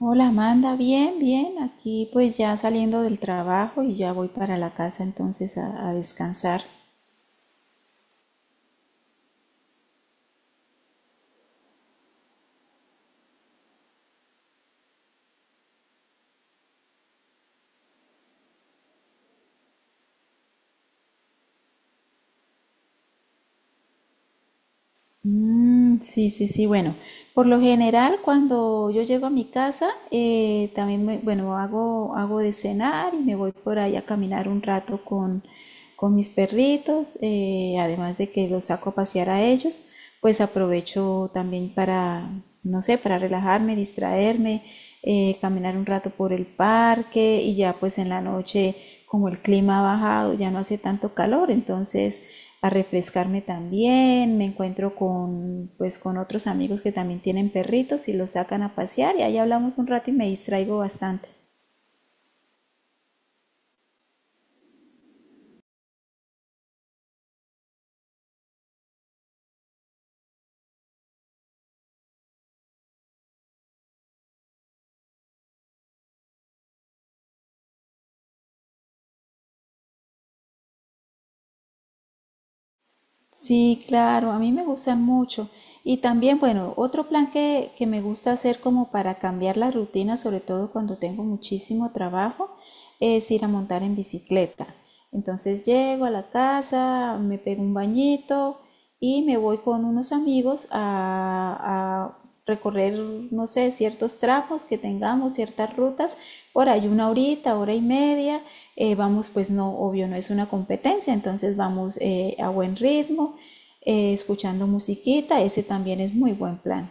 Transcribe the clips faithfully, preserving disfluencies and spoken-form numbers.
Hola Amanda, bien, bien. Aquí pues ya saliendo del trabajo y ya voy para la casa entonces a, a descansar. Mm, sí, sí, sí. Bueno, por lo general cuando yo llego a mi casa, eh, también me- bueno, hago, hago de cenar y me voy por ahí a caminar un rato con, con mis perritos, eh, además de que los saco a pasear a ellos, pues aprovecho también para, no sé, para relajarme, distraerme, eh, caminar un rato por el parque y ya pues en la noche como el clima ha bajado, ya no hace tanto calor, entonces a refrescarme también, me encuentro con pues con otros amigos que también tienen perritos y los sacan a pasear y ahí hablamos un rato y me distraigo bastante. Sí, claro, a mí me gustan mucho. Y también, bueno, otro plan que, que me gusta hacer como para cambiar la rutina, sobre todo cuando tengo muchísimo trabajo, es ir a montar en bicicleta. Entonces llego a la casa, me pego un bañito y me voy con unos amigos a, a recorrer, no sé, ciertos tramos que tengamos, ciertas rutas, ahora hay una horita, hora y media, eh, vamos, pues no, obvio, no es una competencia, entonces vamos eh, a buen ritmo, eh, escuchando musiquita, ese también es muy buen plan.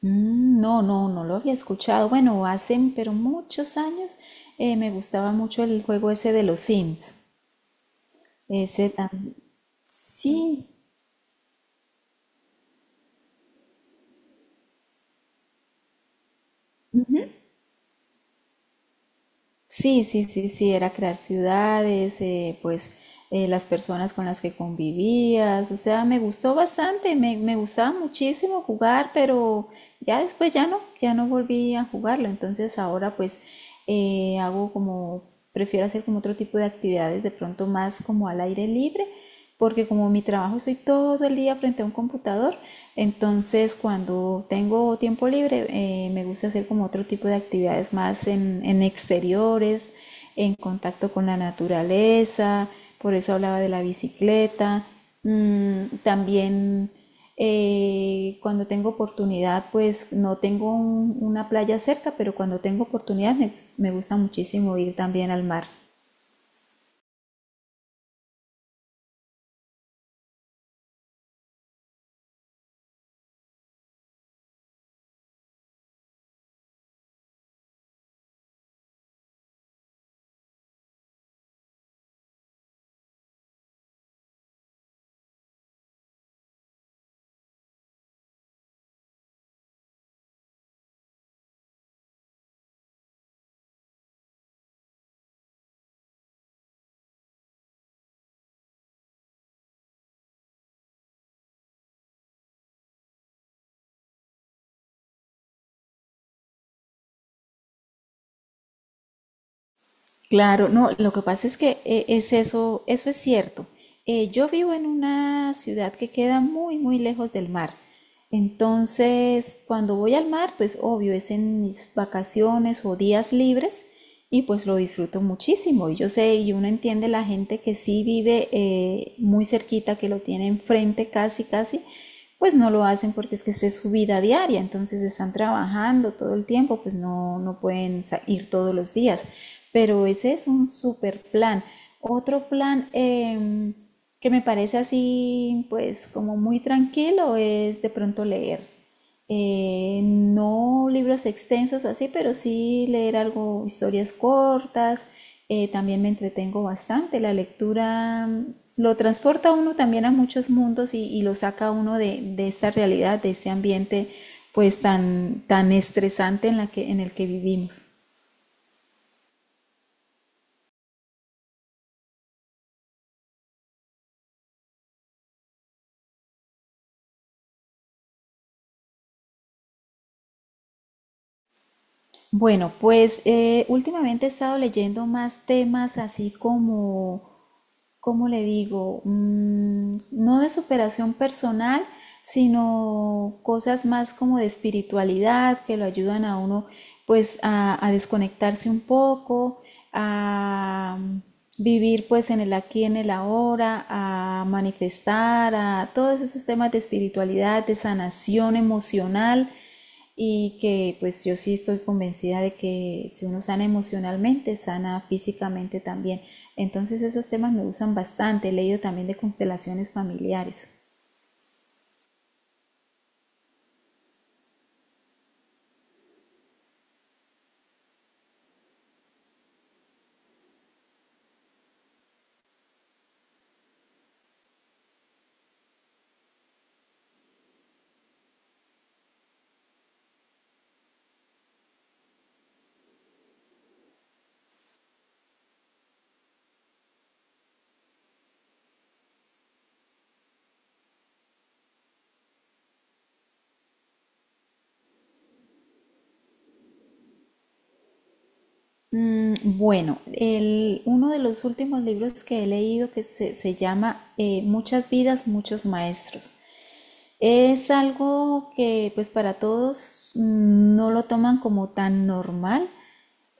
Mm, no, no, no lo había escuchado, bueno, hace, pero muchos años eh, me gustaba mucho el juego ese de los Sims, ese tam- Sí, sí, sí, sí, sí, era crear ciudades, eh, pues eh, las personas con las que convivías, o sea, me gustó bastante, me, me gustaba muchísimo jugar, pero ya después ya no, ya no volví a jugarlo, entonces ahora pues eh, hago como, prefiero hacer como otro tipo de actividades de pronto más como al aire libre, porque como mi trabajo estoy todo el día frente a un computador, entonces cuando tengo tiempo libre eh, me gusta hacer como otro tipo de actividades más en, en exteriores, en contacto con la naturaleza, por eso hablaba de la bicicleta. Mm, también eh, cuando tengo oportunidad, pues no tengo un- una playa cerca, pero cuando tengo oportunidad me, gus- me gusta muchísimo ir también al mar. Claro, no, lo que pasa es que eh, es eso, eso es cierto. Eh, yo vivo en una ciudad que queda muy, muy lejos del mar. Entonces, cuando voy al mar, pues obvio, es en mis vacaciones o días libres y pues lo disfruto muchísimo. Y yo sé, y uno entiende la gente que sí vive eh, muy cerquita, que lo tiene enfrente casi, casi, pues no lo hacen porque es que es su vida diaria, entonces están trabajando todo el tiempo, pues no, no pueden ir todos los días, pero ese es un super plan. Otro plan eh, que me parece así, pues como muy tranquilo, es de pronto leer. Eh, no libros extensos así, pero sí leer algo, historias cortas. Eh, también me entretengo bastante. La lectura mm, lo transporta a uno también a muchos mundos y, y lo saca a uno de, de esta realidad, de este ambiente pues tan, tan estresante en la que, en el que vivimos. Bueno, pues eh, últimamente he estado leyendo más temas así como ¿cómo le digo? Mm, no de superación personal, sino cosas más como de espiritualidad que lo ayudan a uno pues a, a desconectarse un poco, a vivir pues en el aquí, en el ahora, a manifestar, a todos esos temas de espiritualidad, de sanación emocional y que pues yo sí estoy convencida de que si uno sana emocionalmente, sana físicamente también. Entonces esos temas me gustan bastante, he leído también de constelaciones familiares. Mm, bueno, el, uno de los últimos libros que he leído que se, se llama eh, Muchas vidas, muchos maestros. Es algo que pues para todos mm, no lo toman como tan normal,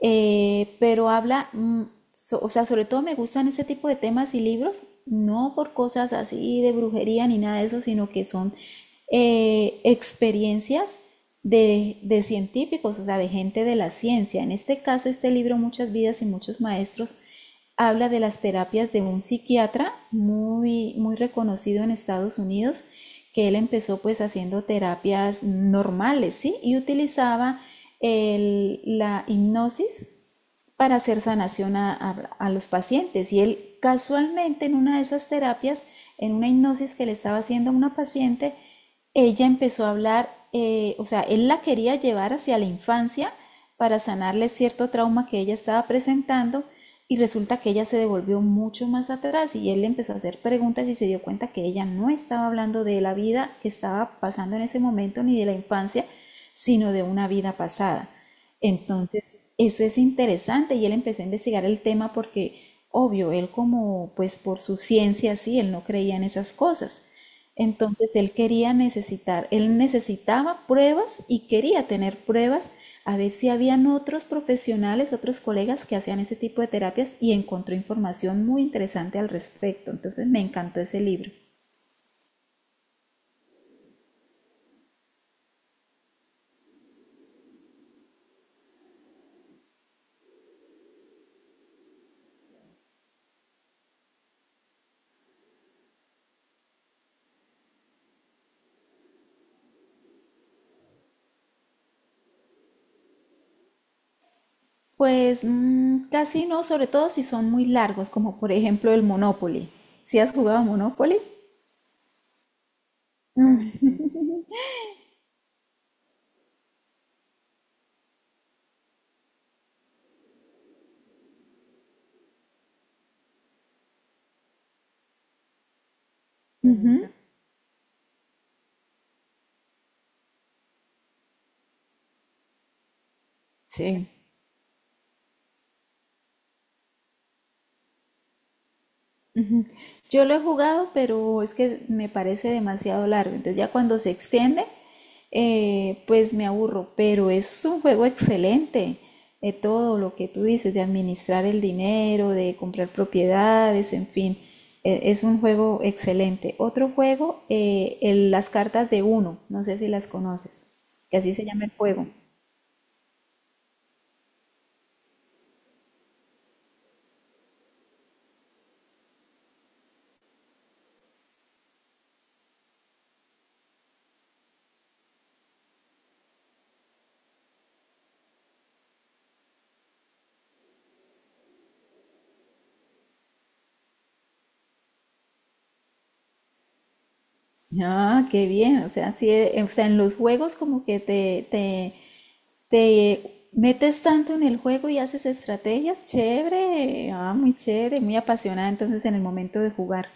eh, pero habla, mm, so- o sea, sobre todo me gustan ese tipo de temas y libros, no por cosas así de brujería ni nada de eso, sino que son eh, experiencias de, de científicos, o sea, de gente de la ciencia. En este caso, este libro, Muchas vidas y muchos maestros, habla de las terapias de un psiquiatra muy, muy reconocido en Estados Unidos, que él empezó pues haciendo terapias normales, ¿sí? Y utilizaba el, la hipnosis para hacer sanación a, a, a, los pacientes. Y él casualmente en una de esas terapias, en una hipnosis que le estaba haciendo a una paciente, ella empezó a hablar, eh, o sea, él la quería llevar hacia la infancia para sanarle cierto trauma que ella estaba presentando y resulta que ella se devolvió mucho más atrás y él le empezó a hacer preguntas y se dio cuenta que ella no estaba hablando de la vida que estaba pasando en ese momento ni de la infancia, sino de una vida pasada. Entonces, eso es interesante y él empezó a investigar el tema porque, obvio, él como, pues por su ciencia, sí, él no creía en esas cosas. Entonces, él quería necesitar, él necesitaba pruebas y quería tener pruebas a ver si habían otros profesionales, otros colegas que hacían ese tipo de terapias y encontró información muy interesante al respecto. Entonces, me encantó ese libro. Pues mm, casi no, sobre todo si son muy largos, como por ejemplo el Monopoly. ¿Si has jugado a Monopoly? Sí. Yo lo he jugado, pero es que me parece demasiado largo. Entonces ya cuando se extiende, eh, pues me aburro. Pero es un juego excelente. De todo lo que tú dices, de administrar el dinero, de comprar propiedades, en fin. E- Es un juego excelente. Otro juego, eh, el- las cartas de uno. No sé si las conoces. Que así se llama el juego. Ah, qué bien. O sea, sí, eh, o sea, en los juegos como que te, te, te metes tanto en el juego y haces estrategias, chévere, ah, muy chévere, muy apasionada entonces en el momento de jugar.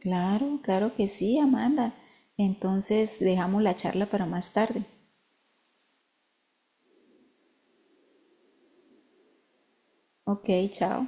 Claro, claro que sí, Amanda. Entonces dejamos la charla para más tarde. Ok, chao.